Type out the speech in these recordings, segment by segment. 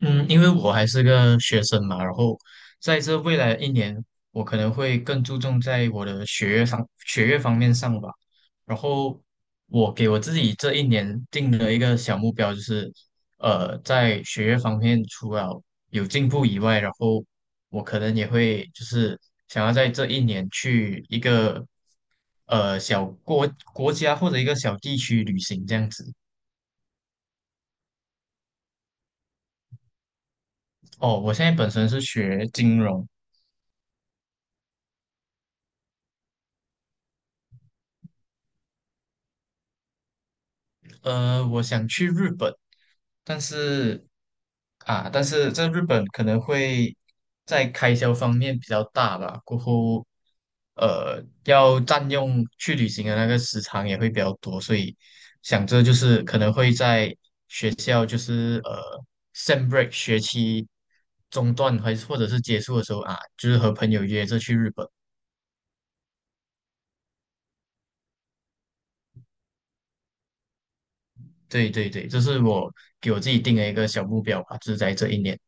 嗯，因为我还是个学生嘛，然后在这未来的一年，我可能会更注重在我的学业上、学业方面上吧。然后我给我自己这一年定了一个小目标，就是在学业方面除了有进步以外，然后我可能也会就是想要在这一年去一个小国国家或者一个小地区旅行这样子。哦，我现在本身是学金融，我想去日本，但是但是在日本可能会在开销方面比较大吧，过后要占用去旅行的那个时长也会比较多，所以想着就是可能会在学校就是sem break 学期中断还是或者是结束的时候啊，就是和朋友约着去日本。对对对，这是我给我自己定的一个小目标吧，就是在这一年。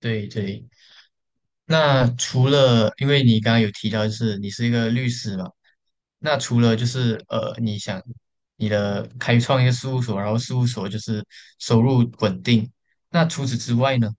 对对。那除了，因为你刚刚有提到，就是你是一个律师嘛，那除了就是你的开创一个事务所，然后事务所就是收入稳定，那除此之外呢？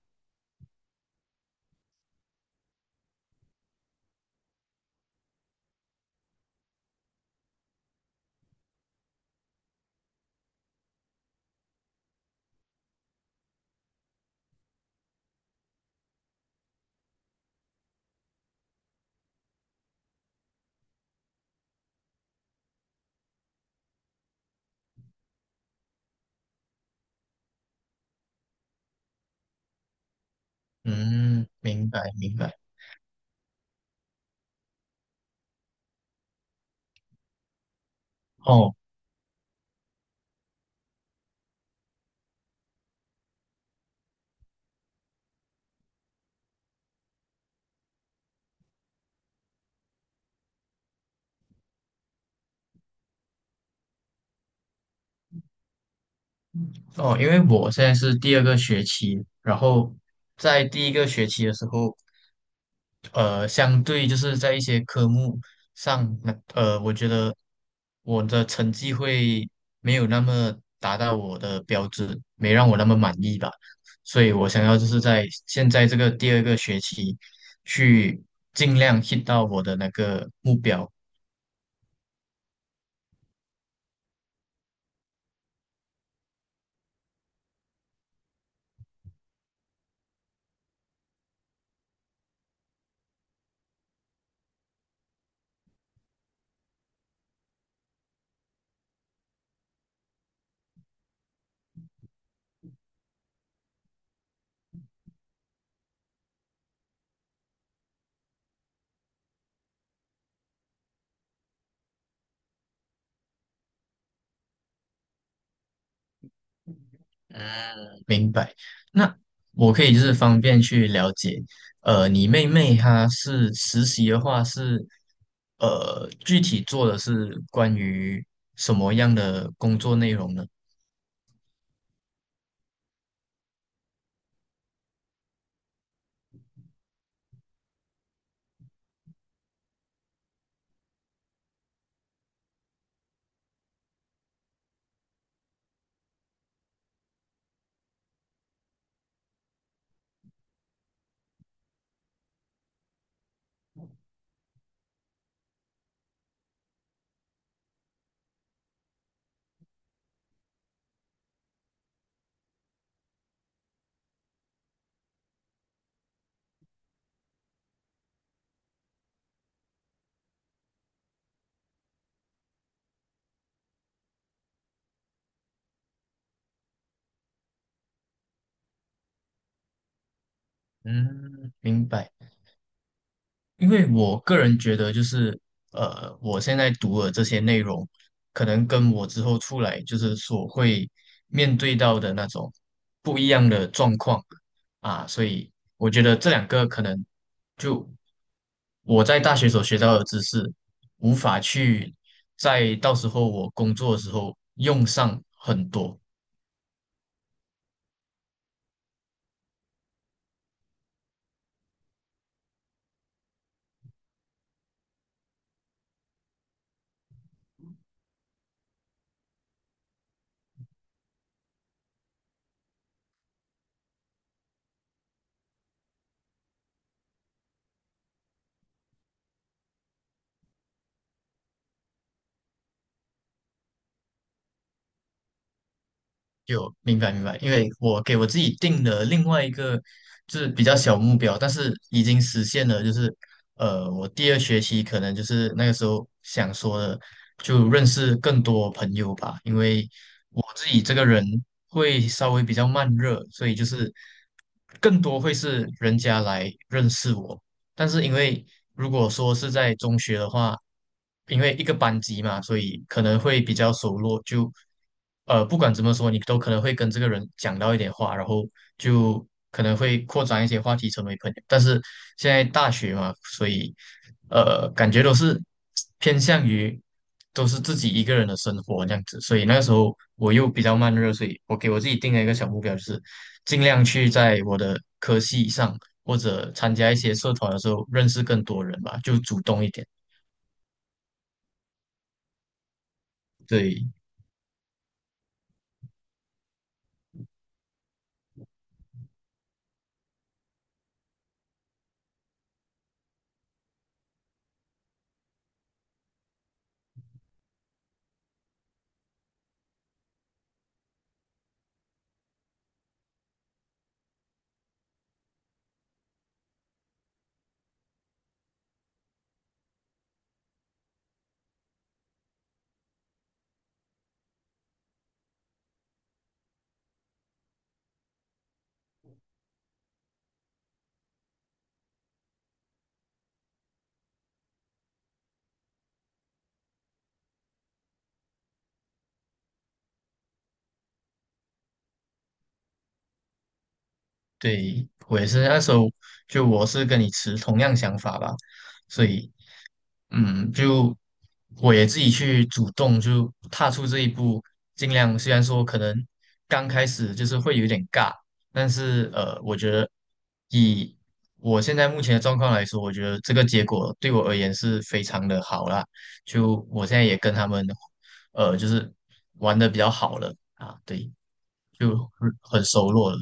嗯，明白明白。哦哦，因为我现在是第二个学期，然后在第一个学期的时候，相对就是在一些科目上，那我觉得我的成绩会没有那么达到我的标准，没让我那么满意吧。所以我想要就是在现在这个第二个学期去尽量 hit 到我的那个目标。那我可以就是方便去了解，你妹妹她是实习的话是，具体做的是关于什么样的工作内容呢？嗯，明白。因为我个人觉得，就是我现在读的这些内容，可能跟我之后出来就是所会面对到的那种不一样的状况啊，所以我觉得这两个可能就我在大学所学到的知识，无法去在到时候我工作的时候用上很多。有，明白明白，因为我给我自己定了另外一个就是比较小目标，但是已经实现了，就是我第二学期可能就是那个时候想说的，就认识更多朋友吧，因为我自己这个人会稍微比较慢热，所以就是更多会是人家来认识我，但是因为如果说是在中学的话，因为一个班级嘛，所以可能会比较熟络，就不管怎么说，你都可能会跟这个人讲到一点话，然后就可能会扩展一些话题，成为朋友。但是现在大学嘛，所以感觉都是偏向于都是自己一个人的生活这样子，所以那个时候我又比较慢热，所以我给我自己定了一个小目标，就是尽量去在我的科系上。或者参加一些社团的时候认识更多人吧，就主动一点。对对，我也是那时候就我是跟你持同样想法吧，所以嗯，就我也自己去主动就踏出这一步，尽量虽然说可能刚开始就是会有点尬，但是我觉得以我现在目前的状况来说，我觉得这个结果对我而言是非常的好啦。就我现在也跟他们就是玩的比较好了啊，对，就很熟络了，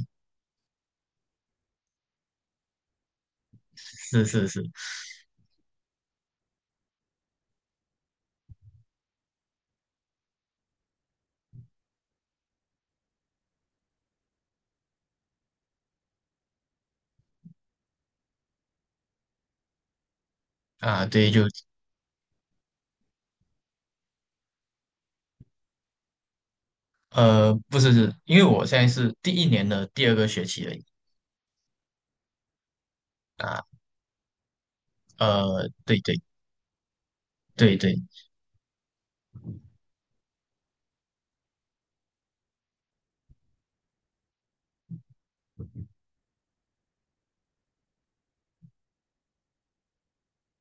是是是啊，对，就不是是，因为我现在是第一年的第二个学期而已。啊。对对对对，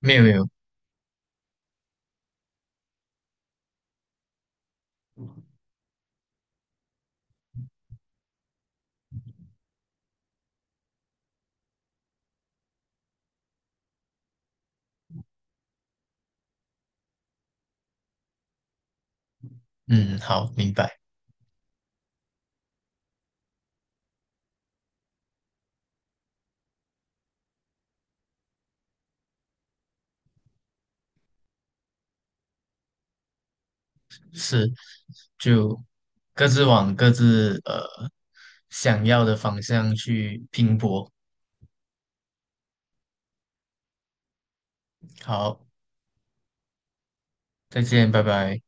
没有没有，嗯，好，明白，是，就各自往各自想要的方向去拼搏。好，再见，拜拜。